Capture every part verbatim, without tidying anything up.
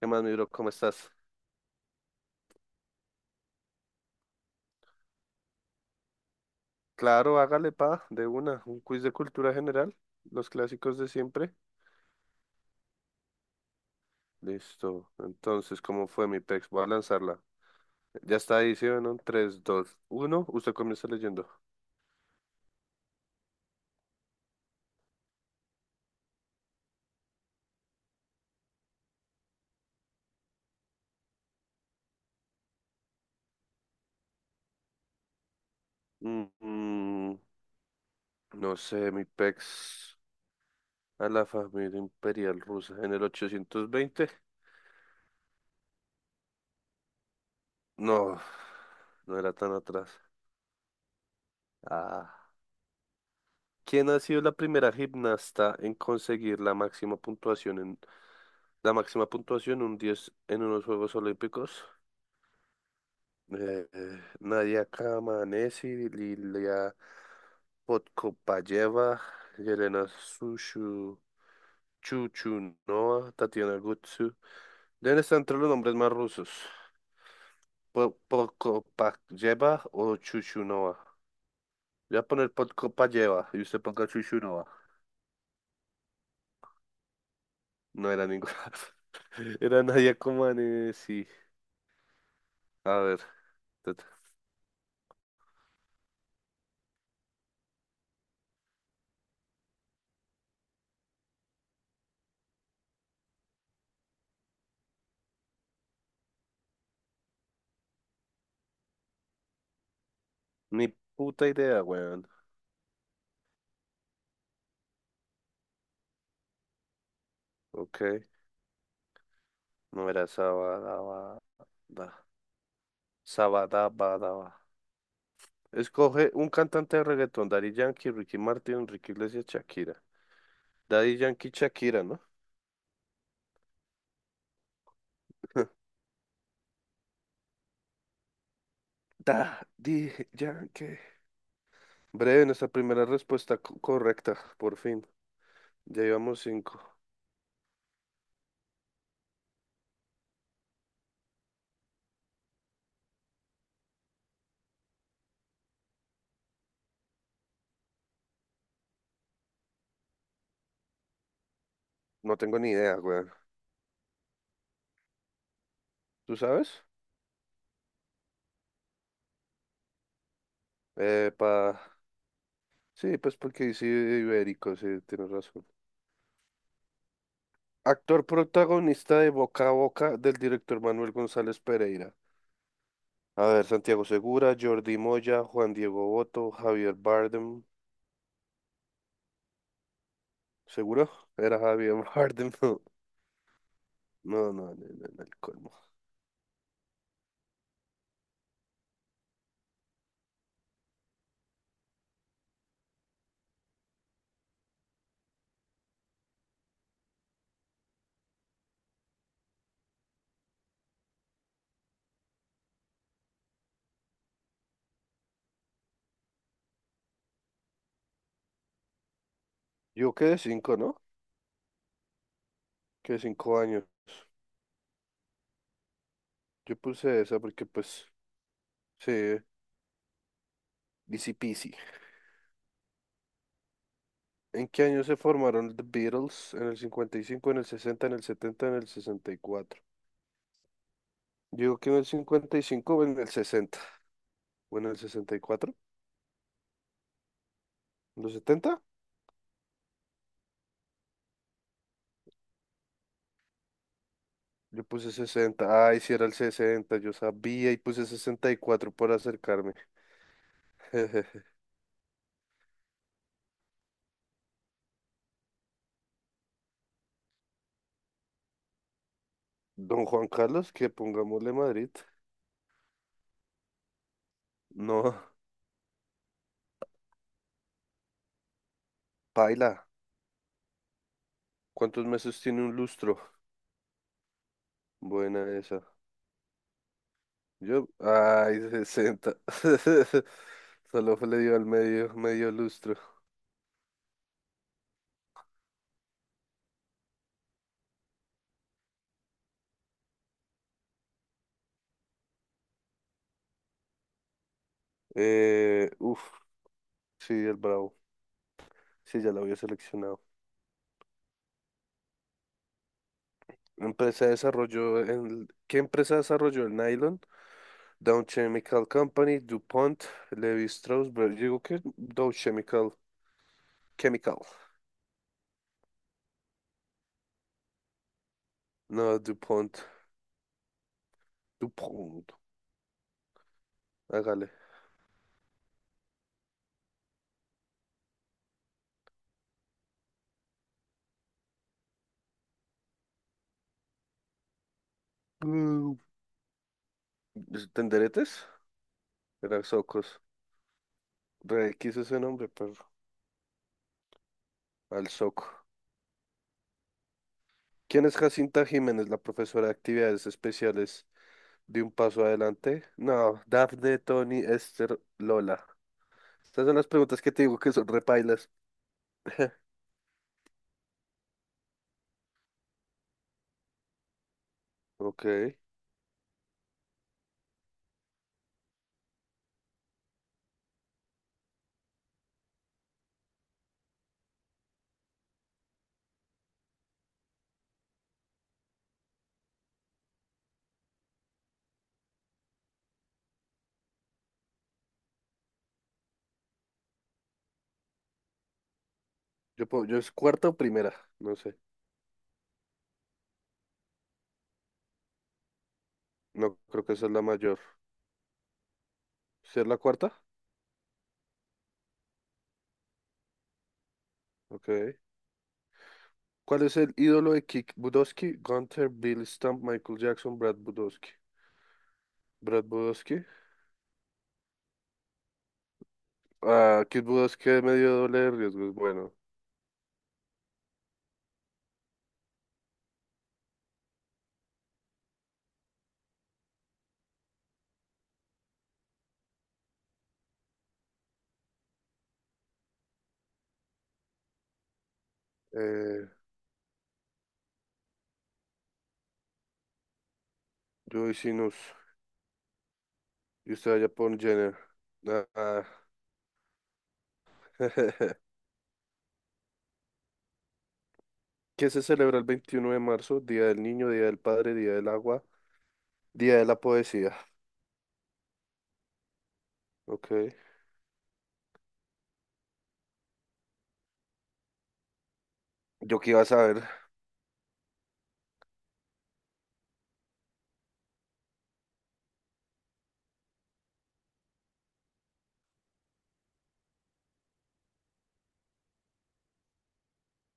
¿Qué más, mi bro? ¿Cómo estás? Claro, hágale pa, de una, un quiz de cultura general, los clásicos de siempre. Listo. Entonces, ¿cómo fue mi pex? Voy a lanzarla. Ya está ahí, ¿sí o no? tres, dos, uno. Usted comienza leyendo. Mm, mm, no sé, mi pex. A la familia imperial rusa en el ochocientos veinte. No, no era tan atrás. Ah. ¿Quién ha sido la primera gimnasta en conseguir la máxima puntuación, en La máxima puntuación, un diez en unos Juegos Olímpicos? Eh, eh, Nadia Comaneci, Lilia Podkopayeva, Yelena Sushu, Chuchunova, Tatiana Gutsu. Deben estar entre los nombres más rusos. Po- Podkopayeva o Chuchunova. Voy a poner Podkopayeva y usted ponga Chuchunova. No era ninguna. Era Nadia Comaneci. A ver. tut- Ni puta idea, weón. Ok. No era Sabadabadaba. Sabadabadaba. Escoge un cantante de reggaetón. Daddy Yankee, Ricky Martin, Enrique Iglesias, Shakira. Daddy Yankee, Shakira, ¿no? Daddy Yankee. Breve, nuestra primera respuesta co- correcta. Por fin. Ya llevamos cinco. No tengo ni idea, weón. ¿Tú sabes? Eh, pa... Sí, pues porque dice ibérico, sí, tienes razón. Actor protagonista de Boca a Boca del director Manuel González Pereira. A ver, Santiago Segura, Jordi Moya, Juan Diego Boto, Javier Bardem. ¿Seguro? Era Javier Bardem. No, no, no, no, no, no, el colmo. Yo quedé cinco, ¿no? Quedé cinco años. Yo puse esa porque, pues, sí, easy peasy. ¿En qué año se formaron The Beatles? En el cincuenta y cinco, en el sesenta, en el setenta, en el sesenta y cuatro. Digo que en el cincuenta y cinco o en el sesenta, ¿o en el sesenta y cuatro? ¿En los setenta? Yo puse sesenta. Ay, si era el sesenta. Yo sabía y puse sesenta y cuatro por acercarme. Don Juan Carlos, que pongámosle Madrid. No, paila. ¿Cuántos meses tiene un lustro? Buena esa. Yo, ay, sesenta. Solo le dio al medio, medio lustro. Eh, uf, sí, el Bravo. Sí, ya lo había seleccionado. Empresa desarrolló el, ¿qué empresa desarrolló el nylon? Dow Chemical Company, DuPont, Levi Strauss, pero yo digo que Dow Chemical, Chemical. No, DuPont, DuPont. Hágale. Mm, pues, ¿tenderetes? Era Socos. Re X ese nombre, pero Al Soco. ¿Quién es Jacinta Jiménez, la profesora de actividades especiales de Un Paso Adelante? No, Dafne, Tony, Esther, Lola. Estas son las preguntas que te digo que son repailas. Ok. Yo, puedo- yo es cuarta o primera, no sé. No creo que esa es la mayor. ¿Sí es la cuarta? Ok. ¿Cuál es el ídolo de Kick Budowski? Gunther, Bill Stump, Michael Jackson, Brad Budowski. Brad Budowski. Ah, Kid Budoski de medio doble de riesgos. Bueno, eh, Joey Sinus. Y usted allá por Jenner. Ah, ah. ¿Qué se celebra el veintiuno de marzo? Día del niño, día del padre, día del agua, día de la poesía. Ok. Yo qué iba a saber.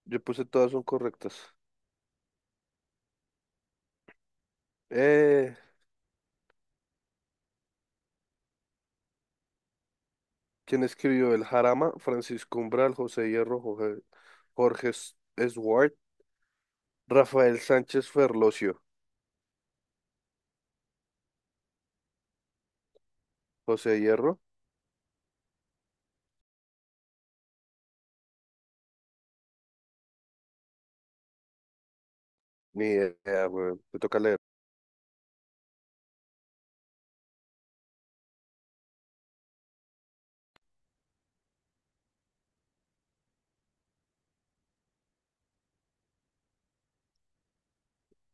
Yo puse todas son correctas. Eh, ¿quién escribió el Jarama? Francisco Umbral, José Hierro, Jorge, Jorge S- Swart, Rafael Sánchez Ferlosio. José Hierro. Ni idea, güey. Me toca leer.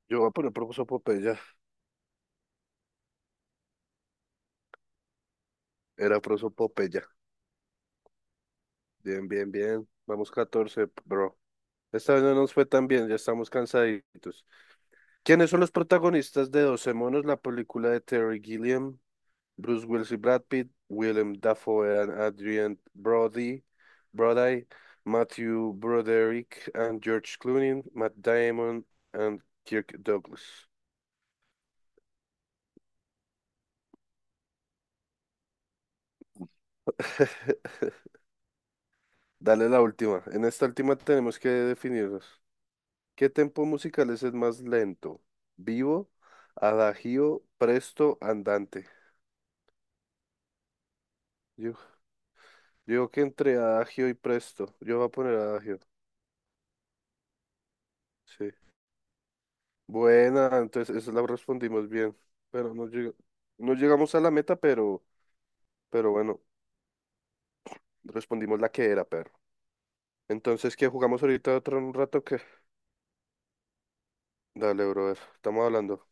Yo voy a poner profesor Popeye. Era prosopopeya. Bien, bien, bien. Vamos catorce bro. Esta vez no nos fue tan bien, ya estamos cansaditos. ¿Quiénes son los protagonistas de Doce monos? La película de Terry Gilliam, Bruce Willis y Brad Pitt, Willem Dafoe and Adrian Brody, Brody, Matthew Broderick and George Clooney, Matt Damon and Kirk Douglas. Dale la última. En esta última tenemos que definirnos. ¿Qué tempo musical es el más lento? ¿Vivo, adagio, presto, andante? Yo, yo digo que entre adagio y presto. Yo voy a poner adagio. Sí. Buena, entonces eso la respondimos bien. Pero no, llega- no llegamos a la meta, pero, pero, bueno, respondimos la que era, perro. Entonces, ¿qué jugamos ahorita otro un rato? Que Dale, brother. Estamos hablando.